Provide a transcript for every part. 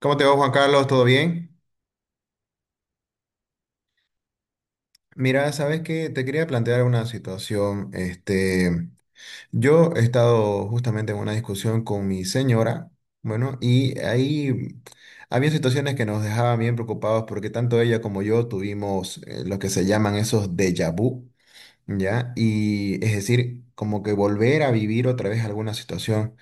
¿Cómo te va, Juan Carlos? ¿Todo bien? Mira, sabes que te quería plantear una situación. Este, yo he estado justamente en una discusión con mi señora, bueno, y ahí había situaciones que nos dejaban bien preocupados porque tanto ella como yo tuvimos lo que se llaman esos déjà vu. ¿Ya? Y es decir, como que volver a vivir otra vez alguna situación.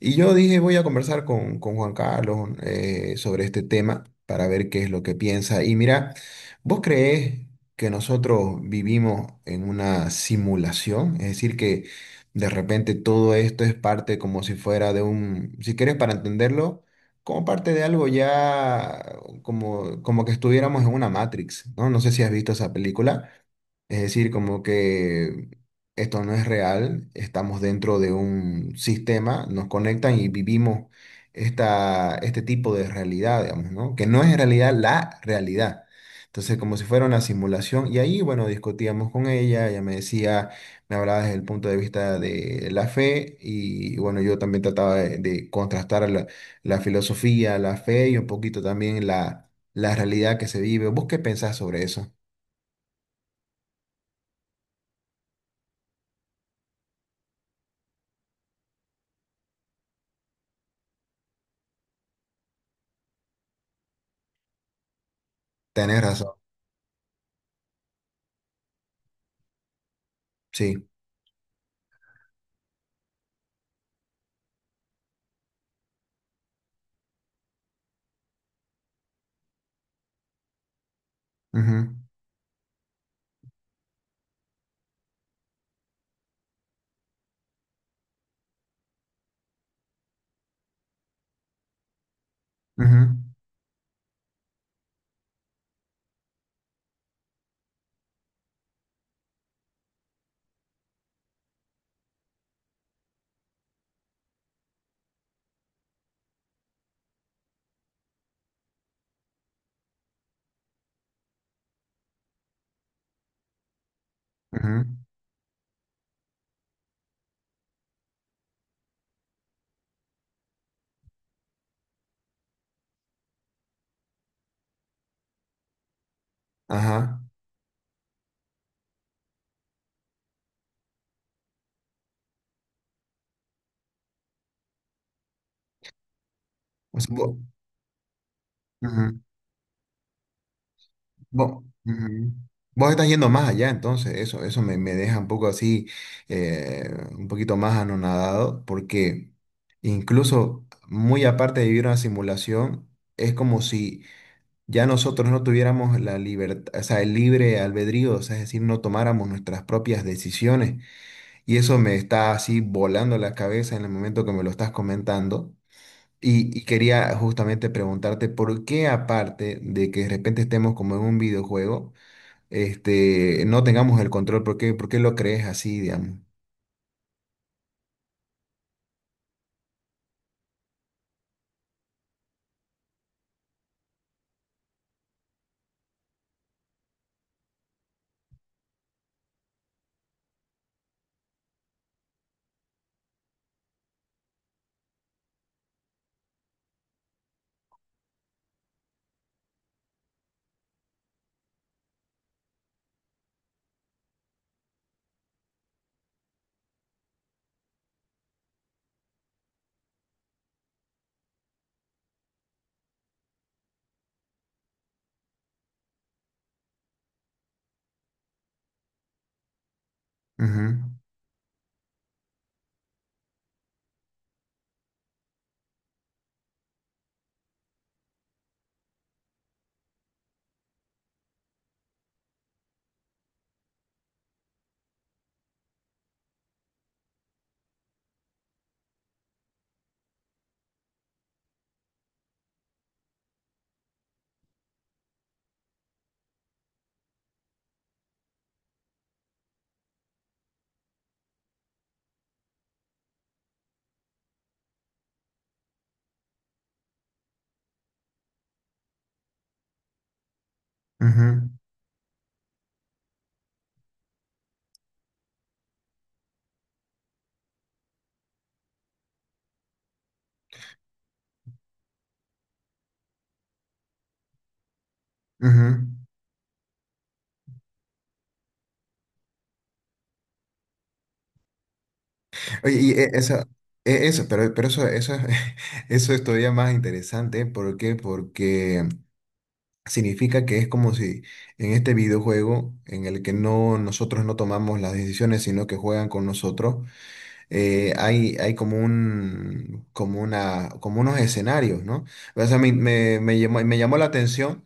Y yo dije, voy a conversar con Juan Carlos sobre este tema para ver qué es lo que piensa. Y mira, ¿vos creés que nosotros vivimos en una simulación? Es decir, que de repente todo esto es parte como si fuera de un, si querés para entenderlo. Como parte de algo ya, como que estuviéramos en una Matrix, ¿no? No sé si has visto esa película, es decir, como que esto no es real, estamos dentro de un sistema, nos conectan y vivimos este tipo de realidad, digamos, ¿no? Que no es en realidad la realidad. Entonces, como si fuera una simulación, y ahí, bueno, discutíamos con ella, ella me decía, me hablaba desde el punto de vista de la fe, y bueno, yo también trataba de contrastar la filosofía, la fe y un poquito también la realidad que se vive. ¿Vos qué pensás sobre eso? Tenés razón, sí. Ujú, ujú, ujú. Ajá. O sea, vos, ujú, vos, ujú. Vos estás yendo más allá, entonces eso me, me deja un poco así, eh, un poquito más anonadado, porque incluso muy aparte de vivir una simulación, es como si ya nosotros no tuviéramos la libertad, o sea, el libre albedrío, o sea, es decir, no tomáramos nuestras propias decisiones. Y eso me está así volando la cabeza en el momento que me lo estás comentando. Y quería justamente preguntarte por qué aparte de que de repente estemos como en un videojuego, este, no tengamos el control, ¿ por qué lo crees así, digamos? Ujú, ujú, ujú. Oye, y e- eso, pero eso, es- eso es todavía más interesante, ¿por qué? Porque significa que es como si en este videojuego en el que no, nosotros no tomamos las decisiones, sino que juegan con nosotros, hay, hay como un, como una, como unos escenarios, ¿no? O sea, me llamó la atención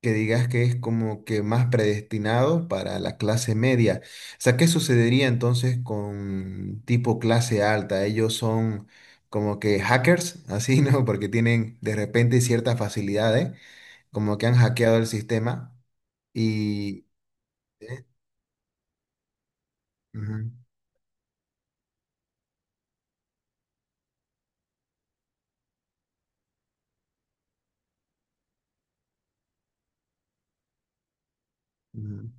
que digas que es como que más predestinado para la clase media. O sea, ¿qué sucedería entonces con tipo clase alta? Ellos son como que hackers, así, ¿no? Porque tienen de repente ciertas facilidades, como que han hackeado el sistema y... Ujú, ujú,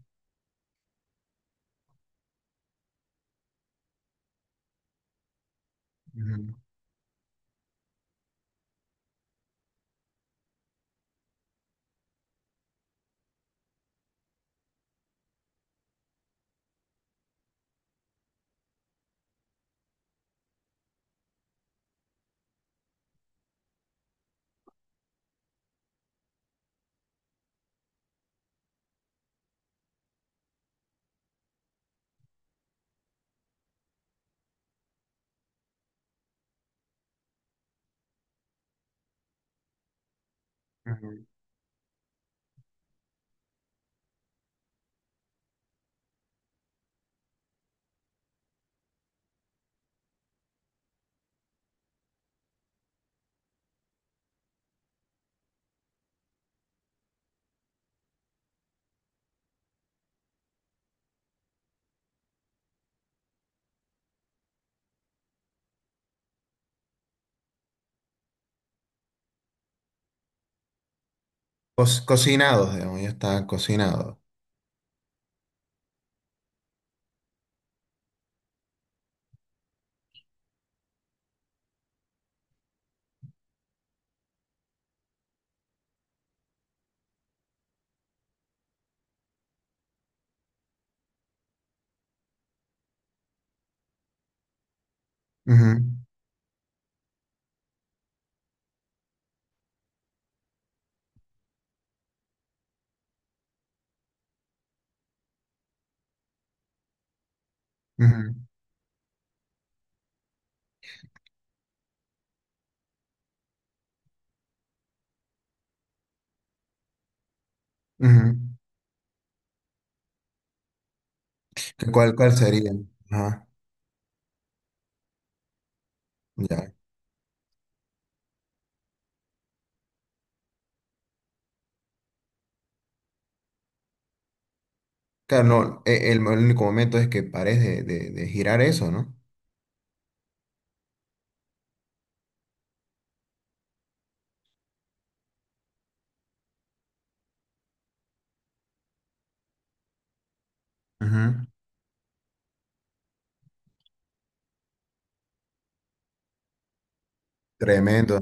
ujú, ujú. Cocinados, digamos, ya está cocinado. Ujú, ujú, ujú. ¿Cuál, cuál sería? Ajá, ya. Claro, no, el único momento es que pares de girar eso, ¿no? Ujú. Tremendo.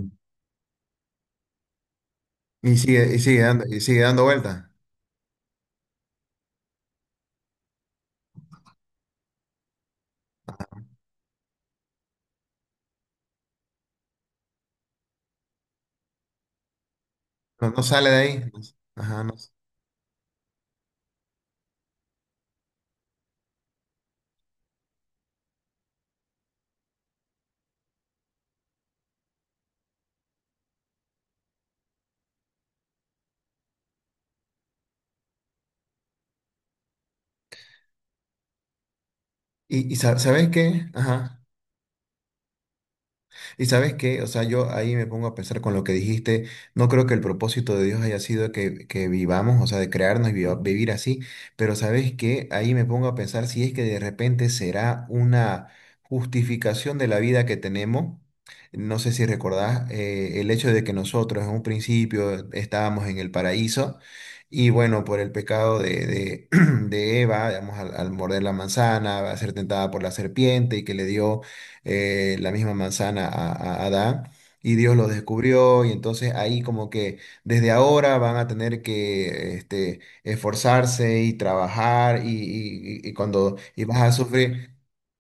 Y sigue dando vueltas. No, no sale de ahí. Ajá, no. ¿Sabes qué? Ajá. Y sabes qué, o sea, yo ahí me pongo a pensar con lo que dijiste, no creo que el propósito de Dios haya sido que vivamos, o sea, de crearnos y vivir así, pero sabes qué, ahí me pongo a pensar si es que de repente será una justificación de la vida que tenemos. No sé si recordás el hecho de que nosotros en un principio estábamos en el paraíso y bueno, por el pecado de Eva, digamos, al morder la manzana, a ser tentada por la serpiente y que le dio la misma manzana a Adán. Y Dios lo descubrió y entonces ahí como que desde ahora van a tener que este, esforzarse y trabajar y vas a sufrir,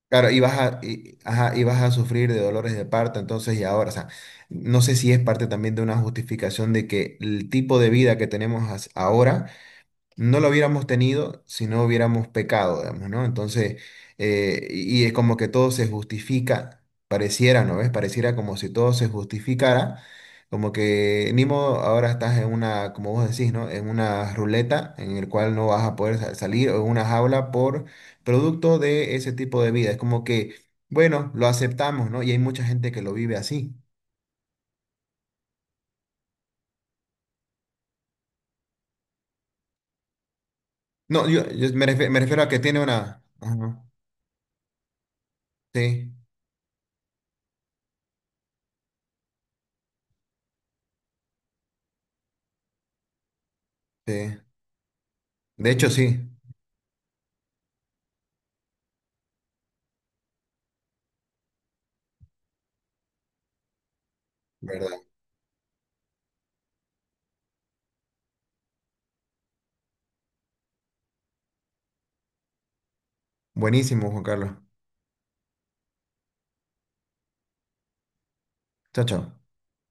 claro, ajá, y vas a sufrir de dolores de parto, entonces y ahora, o sea, no sé si es parte también de una justificación de que el tipo de vida que tenemos ahora no lo hubiéramos tenido si no hubiéramos pecado, digamos, ¿no? Entonces, y es como que todo se justifica, pareciera, ¿no ves? Pareciera como si todo se justificara, como que ni modo, ahora estás en una, como vos decís, ¿no? En una ruleta en el cual no vas a poder salir o en una jaula por producto de ese tipo de vida. Es como que, bueno, lo aceptamos, ¿no? Y hay mucha gente que lo vive así. No, yo me refiero a que tiene una... Ajá, sí, sí. De hecho, sí. ¿Verdad? Buenísimo, Juan Carlos. Chao, chao.